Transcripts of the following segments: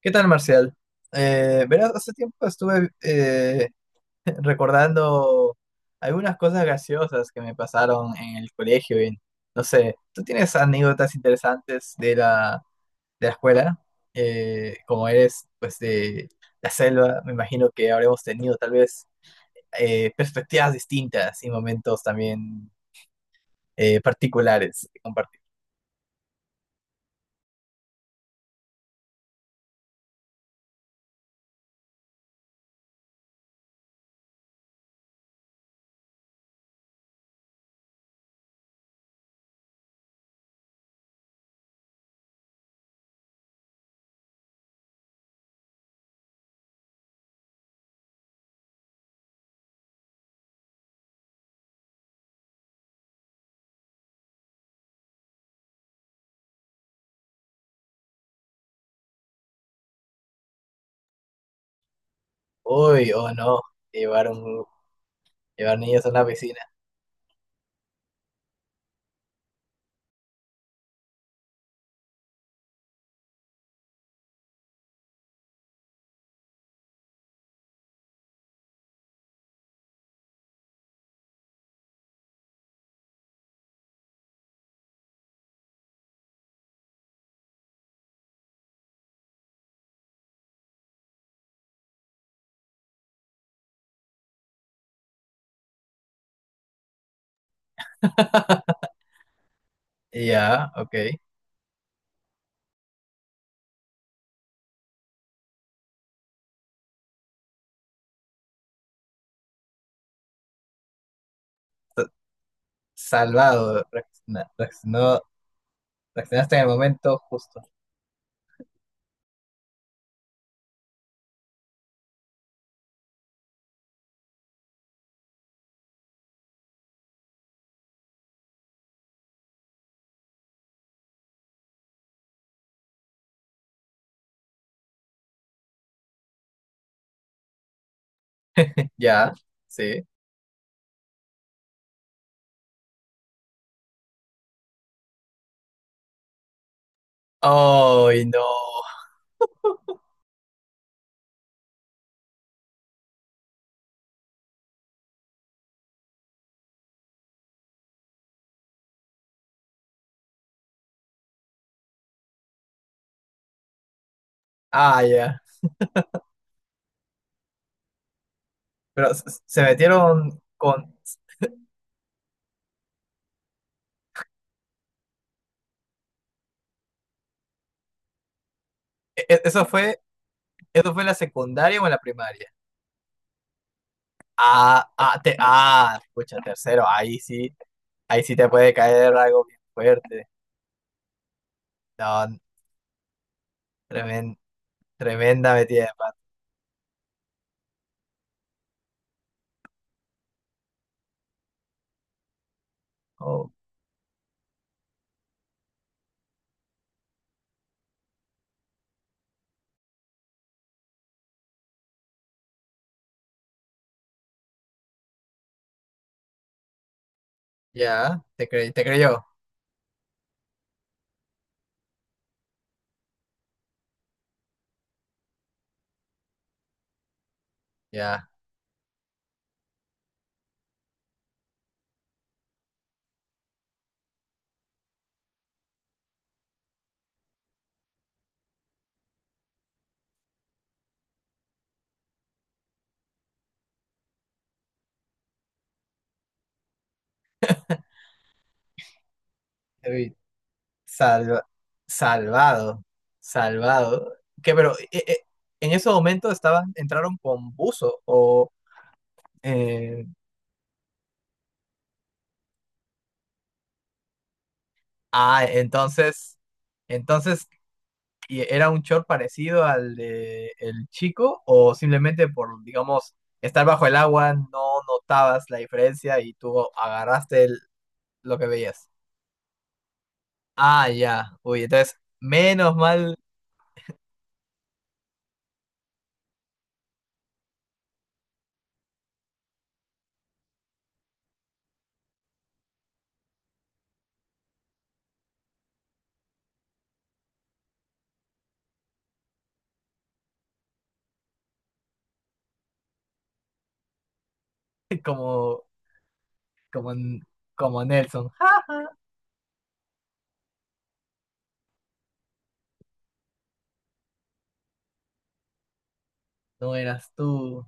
¿Qué tal, Marcial? Verás, hace tiempo estuve recordando algunas cosas graciosas que me pasaron en el colegio y no sé, ¿tú tienes anécdotas interesantes de de la escuela? Como eres, pues, de la selva, me imagino que habremos tenido tal vez perspectivas distintas y momentos también particulares que compartir. Uy, o no, llevar, un- llevar niños a una piscina. Ya, ok. Salvado. Reaccionaste en el momento justo. Ya, sí. ¡Ay, no! Ah, ya. Pero se metieron con... e- e- ¿Eso fue, eso fue en la secundaria o en la primaria? Escucha, tercero, ahí sí te puede caer algo bien fuerte. No, tremen- tremenda metida de pata. Oh, ya, te creyó. Ya. Uy, Salva- salvado, salvado. Que pero en ese momento estaban, entraron con buzo o eh, ah, entonces ¿y era un short parecido al de el chico o simplemente por, digamos, estar bajo el agua no notabas la diferencia y tú lo que veías. Ah, ya. Uy, entonces menos mal. como como Como Nelson. No eras tú.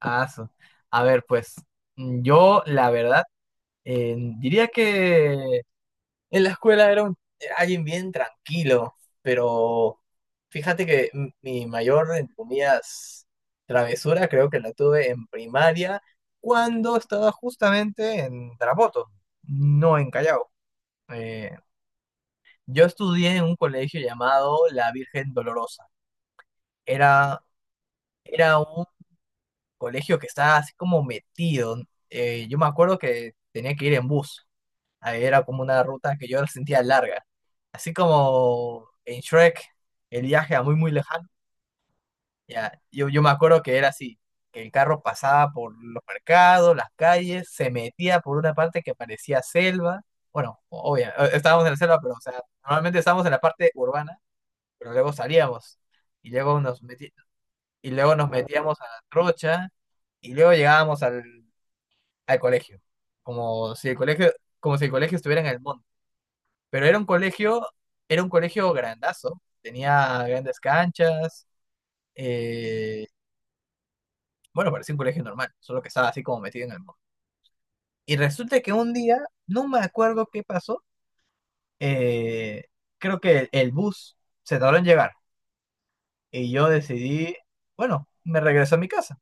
Ah, su- A ver, pues yo la verdad diría que en la escuela alguien bien tranquilo, pero fíjate que mi mayor, entre comillas, travesura creo que la tuve en primaria cuando estaba justamente en Tarapoto, no en Callao. Eh, yo estudié en un colegio llamado La Virgen Dolorosa. Era, Era colegio que estaba así como metido. Yo me acuerdo que tenía que ir en bus. Ahí era como una ruta que yo la sentía larga. Así como en Shrek, el viaje a muy, muy lejano. Ya, yo me acuerdo que era así, que el carro pasaba por los mercados, las calles, se metía por una parte que parecía selva. Bueno, obvio, estábamos en la selva, pero o sea, normalmente estábamos en la parte urbana, pero luego salíamos y luego nos meti- y luego nos metíamos a la trocha y luego llegábamos al colegio, como si el colegio, como si el colegio estuviera en el monte. Pero era un colegio, Era un colegio grandazo, tenía grandes canchas, eh, bueno, parecía un colegio normal, solo que estaba así como metido en el monte. Y resulta que un día, no me acuerdo qué pasó, eh, creo que el bus se tardó en llegar y yo decidí, bueno, me regreso a mi casa.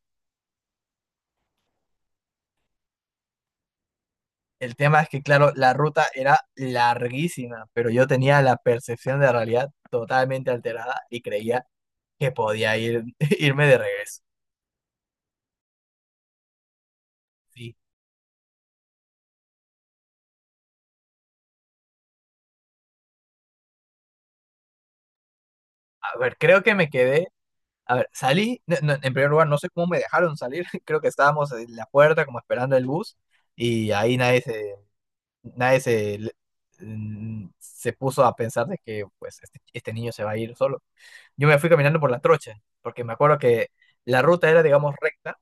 El tema es que, claro, la ruta era larguísima, pero yo tenía la percepción de realidad totalmente alterada y creía que podía ir, irme de regreso. Sí. A ver, creo que me quedé. A ver, salí. No, no, en primer lugar, no sé cómo me dejaron salir. Creo que estábamos en la puerta, como esperando el bus, y ahí nadie se, nadie se, mm, se puso a pensar de que pues este niño se va a ir solo. Yo me fui caminando por la trocha, porque me acuerdo que la ruta era, digamos, recta,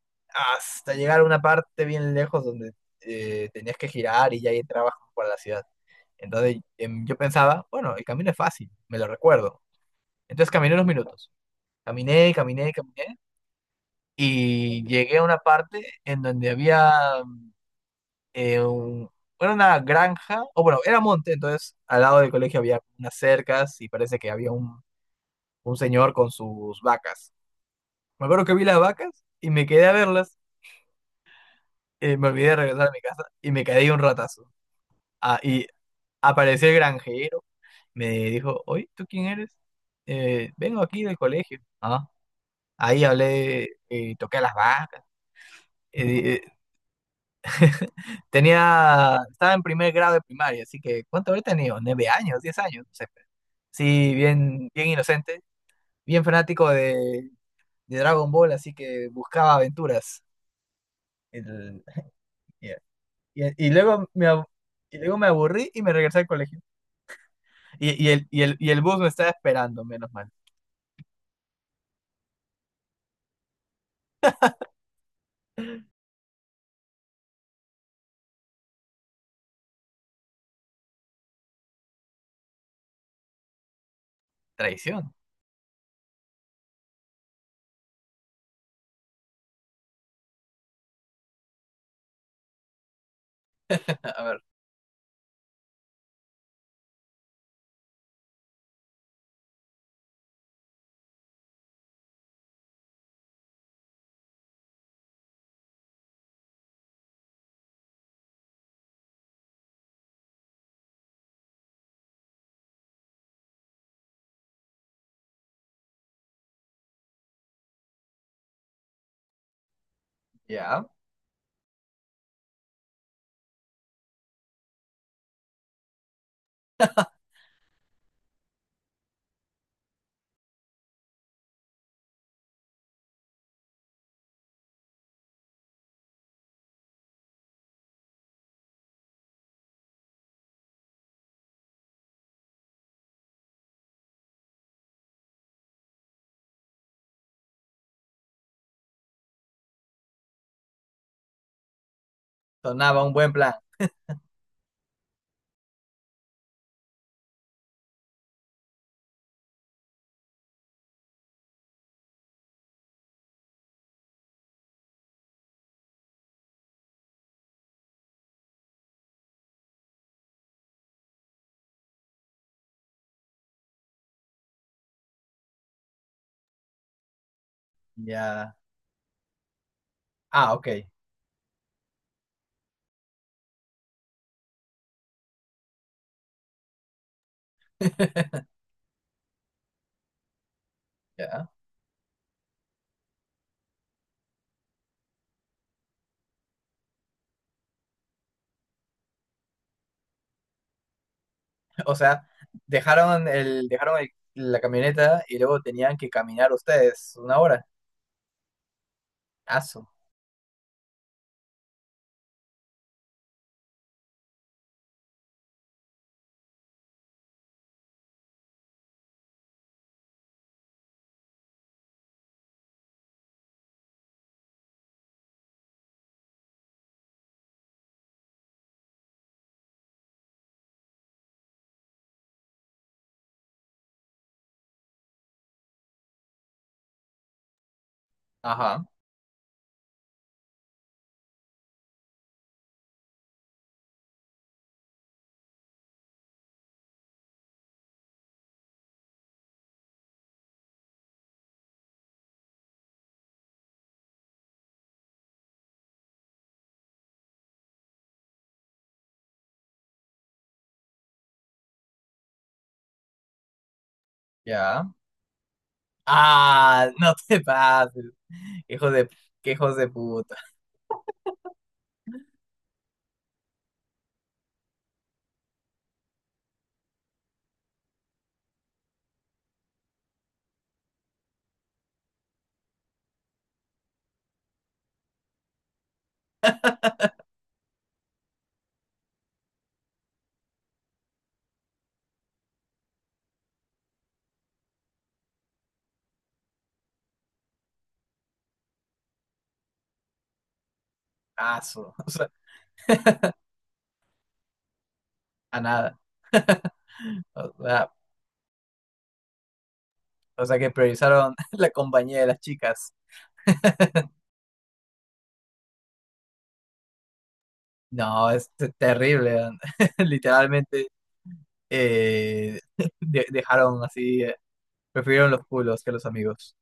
hasta llegar a una parte bien lejos donde tenías que girar y ya ahí entrabas como para la ciudad. Entonces yo pensaba, bueno, el camino es fácil, me lo recuerdo. Entonces caminé unos minutos. Caminé, caminé, caminé. Y llegué a una parte en donde había eh, un- era una granja, o bueno, era monte, entonces al lado del colegio había unas cercas y parece que había un señor con sus vacas. Me acuerdo que vi las vacas y me quedé a verlas. Me olvidé de regresar a mi casa y me quedé ahí un ratazo. Ah, y apareció el granjero. Me dijo, oye, ¿tú quién eres? Vengo aquí del colegio. Ah, ahí hablé, toqué a las vacas. Eh, eh, Estaba en primer grado de primaria, así que ¿cuánto habré tenido? 9 años, 10 años, no sé. Sí, bien, bien inocente, bien fanático de Dragon Ball, así que buscaba aventuras. El- Y, y luego me, ab- y luego me aburrí y me regresé al colegio. Y el bus me estaba esperando, menos mal. Traición. A ver, ya. Sonaba un buen plan. Ya. Ah, ok. Ya. O sea, la camioneta y luego tenían que caminar ustedes 1 hora. Aso. Ajá. Ya. Ah, no te pases. Hijos de, Qué hijos de puta. Aso. O sea, a nada. O sea, o sea que priorizaron la compañía de las chicas. No, es terrible, man. Literalmente eh, dejaron así, prefirieron los culos que los amigos.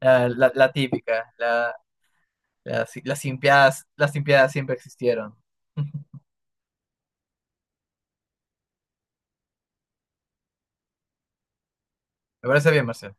La típica, la si- las simpiadas siempre existieron. Me parece bien, Marcelo.